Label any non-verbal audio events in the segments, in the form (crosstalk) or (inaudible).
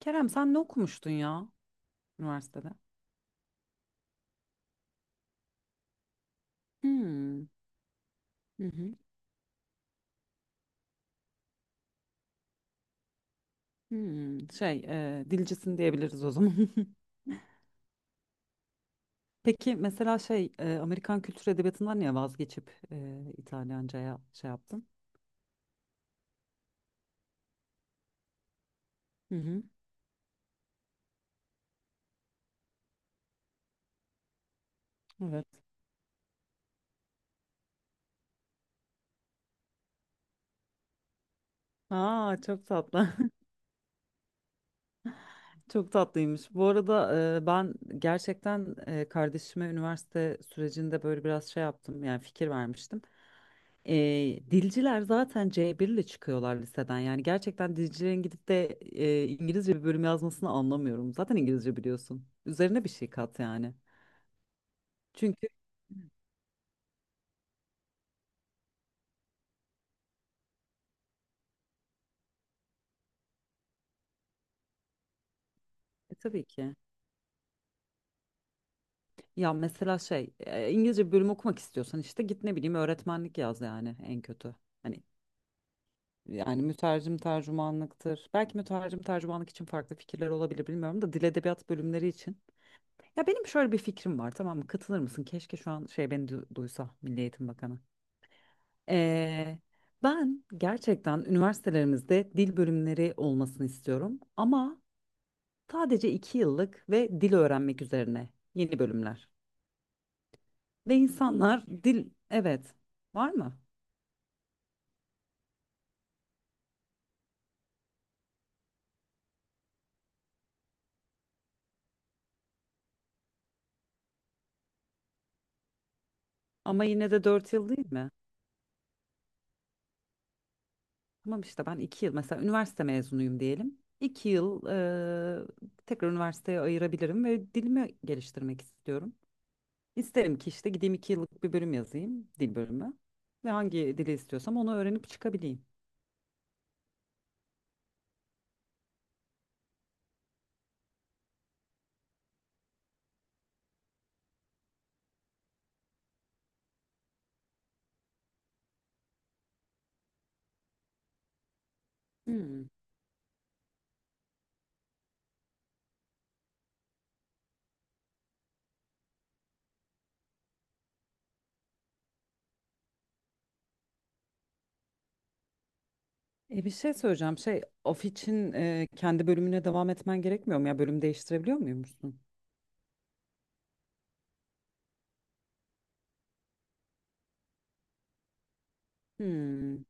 Kerem sen ne okumuştun ya üniversitede? Hmm. Hı hı. Hmm. Dilcisin diyebiliriz o zaman. (laughs) Peki mesela Amerikan kültür edebiyatından niye vazgeçip İtalyanca'ya şey yaptın? Hı hı. Evet. Aa çok tatlı. (laughs) Çok tatlıymış. Bu arada ben gerçekten kardeşime üniversite sürecinde böyle biraz şey yaptım. Yani fikir vermiştim. Dilciler zaten C1 ile çıkıyorlar liseden. Yani gerçekten dilcilerin gidip de İngilizce bir bölüm yazmasını anlamıyorum. Zaten İngilizce biliyorsun. Üzerine bir şey kat yani. Çünkü tabii ki. Ya mesela İngilizce bir bölüm okumak istiyorsan işte git ne bileyim öğretmenlik yaz yani en kötü. Hani yani mütercim tercümanlıktır. Belki mütercim tercümanlık için farklı fikirler olabilir bilmiyorum da dil edebiyat bölümleri için. Ya benim şöyle bir fikrim var, tamam mı? Katılır mısın? Keşke şu an şey beni duysa Milli Eğitim Bakanı. Ee, Ben gerçekten üniversitelerimizde dil bölümleri olmasını istiyorum. Ama sadece iki yıllık ve dil öğrenmek üzerine yeni bölümler. Ve insanlar dil, evet, var mı? Ama yine de dört yıl değil mi? Tamam, işte ben iki yıl mesela üniversite mezunuyum diyelim. İki yıl eee, tekrar üniversiteye ayırabilirim ve dilimi geliştirmek istiyorum. İsterim ki işte gideyim iki yıllık bir bölüm yazayım, dil bölümü. Ve hangi dili istiyorsam onu öğrenip çıkabileyim. Hmm. E, bir şey söyleyeceğim. Şey, of için kendi bölümüne devam etmen gerekmiyor mu? Ya bölüm değiştirebiliyor muymuşsun? Hmm.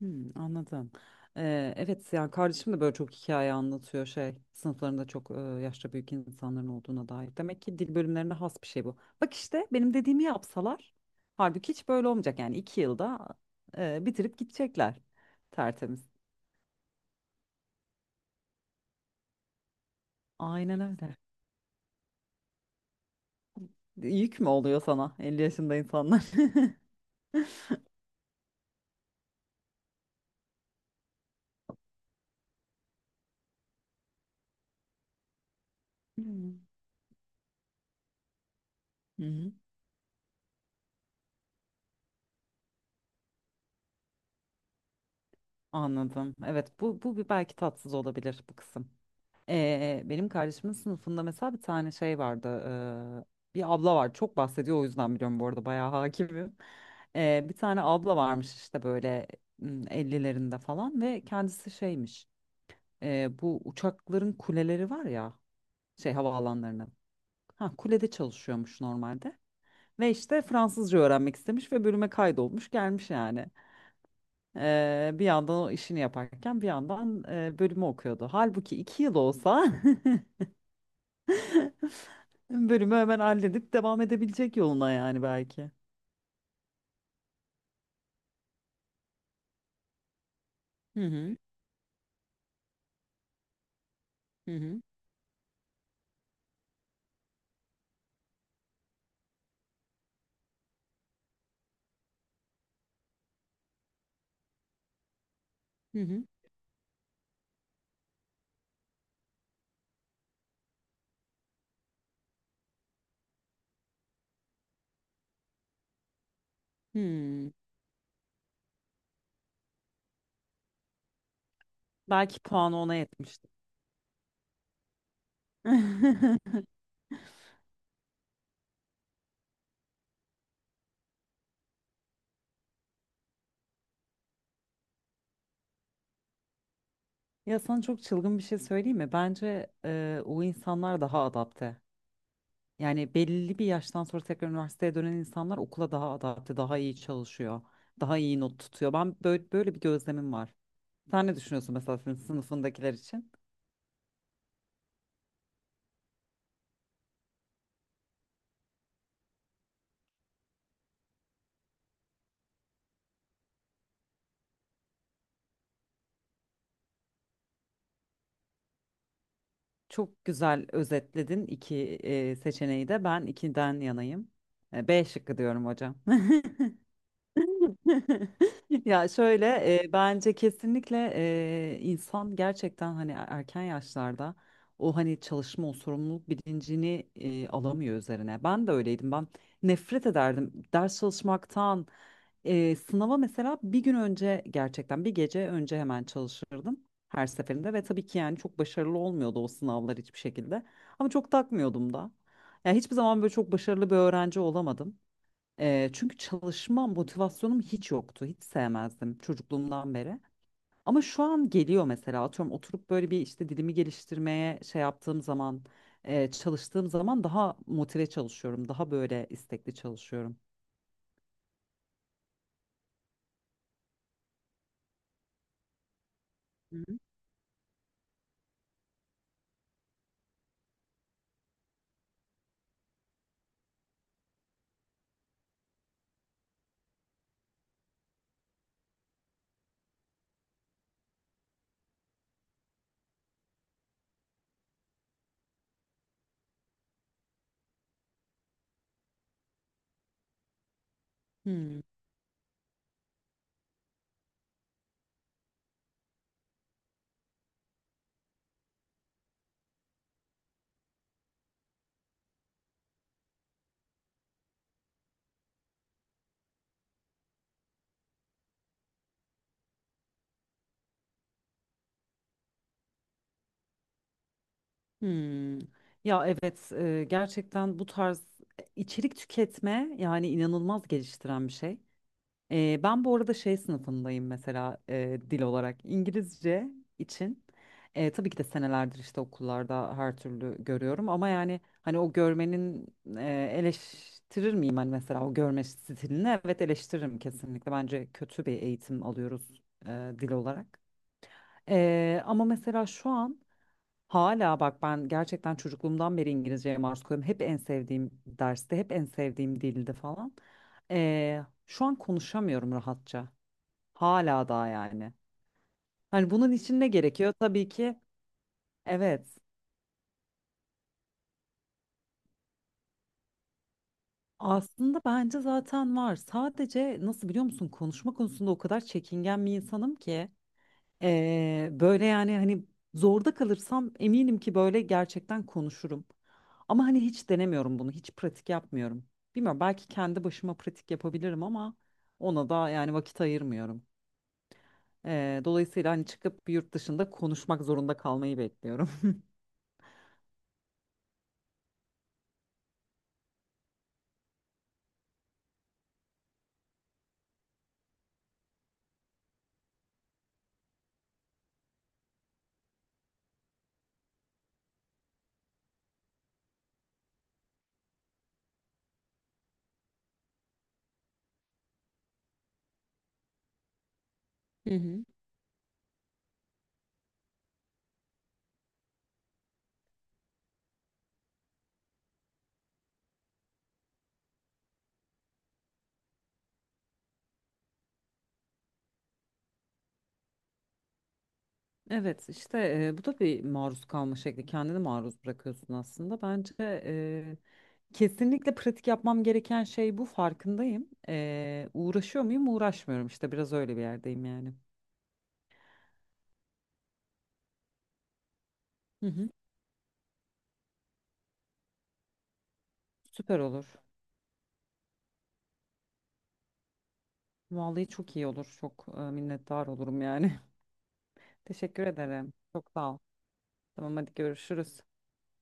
Hmm, anladım. E, evet yani kardeşim de böyle çok hikaye anlatıyor şey. Sınıflarında çok yaşça büyük insanların olduğuna dair. Demek ki dil bölümlerine has bir şey bu. Bak işte benim dediğimi yapsalar. Halbuki hiç böyle olmayacak. Yani iki yılda bitirip gidecekler. Tertemiz. Aynen öyle. Yük mü oluyor sana 50 yaşında insanlar? (laughs) Hmm. Hı hı. Anladım. Evet bu, bu bir belki tatsız olabilir bu kısım. Benim kardeşimin sınıfında mesela bir tane şey vardı. Bir abla var. Çok bahsediyor o yüzden biliyorum, bu arada bayağı hakimim. Bir tane abla varmış işte böyle, hmm, 50'lerinde falan ve kendisi şeymiş. Bu uçakların kuleleri var ya, şey, havaalanlarının. Ha, kulede çalışıyormuş normalde. Ve işte Fransızca öğrenmek istemiş ve bölüme kaydolmuş, gelmiş yani. Bir yandan o işini yaparken bir yandan bölümü okuyordu. Halbuki iki yıl olsa (laughs) bölümü hemen halledip devam edebilecek yoluna yani belki. Hı hı hı hı hı hı. Hmm. Belki puanı ona yetmişti. (laughs) Ya sana çok çılgın bir şey söyleyeyim mi? Bence o insanlar daha adapte. Yani belli bir yaştan sonra tekrar üniversiteye dönen insanlar okula daha adapte, daha iyi çalışıyor, daha iyi not tutuyor. Ben böyle, böyle bir gözlemim var. Sen ne düşünüyorsun mesela senin sınıfındakiler için? Çok güzel özetledin iki seçeneği de. Ben ikiden yanayım. E, B şıkkı diyorum hocam. (laughs) (laughs) Ya şöyle, bence kesinlikle insan gerçekten hani erken yaşlarda o hani çalışma, o sorumluluk bilincini alamıyor üzerine. Ben de öyleydim. Ben nefret ederdim ders çalışmaktan. Sınava mesela bir gün önce, gerçekten bir gece önce hemen çalışırdım her seferinde ve tabii ki yani çok başarılı olmuyordu o sınavlar hiçbir şekilde. Ama çok takmıyordum da. Yani hiçbir zaman böyle çok başarılı bir öğrenci olamadım. Çünkü çalışma motivasyonum hiç yoktu. Hiç sevmezdim çocukluğumdan beri. Ama şu an geliyor mesela, atıyorum, oturup böyle bir işte dilimi geliştirmeye şey yaptığım zaman, çalıştığım zaman daha motive çalışıyorum. Daha böyle istekli çalışıyorum. Hı hı. Hmm. Hmm. Ya evet, gerçekten bu tarz içerik tüketme yani inanılmaz geliştiren bir şey. Ben bu arada şey sınıfındayım mesela, dil olarak İngilizce için. Tabii ki de senelerdir işte okullarda her türlü görüyorum ama yani hani o görmenin, eleştirir miyim hani mesela o görme stilini? Evet eleştiririm kesinlikle. Bence kötü bir eğitim alıyoruz, dil olarak. Ama mesela şu an hala, bak, ben gerçekten çocukluğumdan beri İngilizceye maruz kalıyorum. Hep en sevdiğim derste, hep en sevdiğim dildi falan. E, Şu an konuşamıyorum rahatça. Hala daha yani. Hani bunun için ne gerekiyor? Tabii ki evet. Aslında bence zaten var. Sadece nasıl, biliyor musun? Konuşma konusunda o kadar çekingen bir insanım ki. Böyle yani hani zorda kalırsam eminim ki böyle gerçekten konuşurum. Ama hani hiç denemiyorum bunu. Hiç pratik yapmıyorum. Bilmiyorum, belki kendi başıma pratik yapabilirim ama ona da yani vakit ayırmıyorum. Dolayısıyla hani çıkıp bir yurt dışında konuşmak zorunda kalmayı bekliyorum. (laughs) Hı hı. Evet işte, bu da bir maruz kalma şekli. Kendini maruz bırakıyorsun aslında. Bence kesinlikle pratik yapmam gereken şey bu, farkındayım. E, uğraşıyor muyum? Uğraşmıyorum işte, biraz öyle bir yerdeyim yani. Hı hı. Süper olur. Vallahi çok iyi olur. Çok minnettar olurum yani. (laughs) Teşekkür ederim. Çok sağ ol. Tamam, hadi görüşürüz.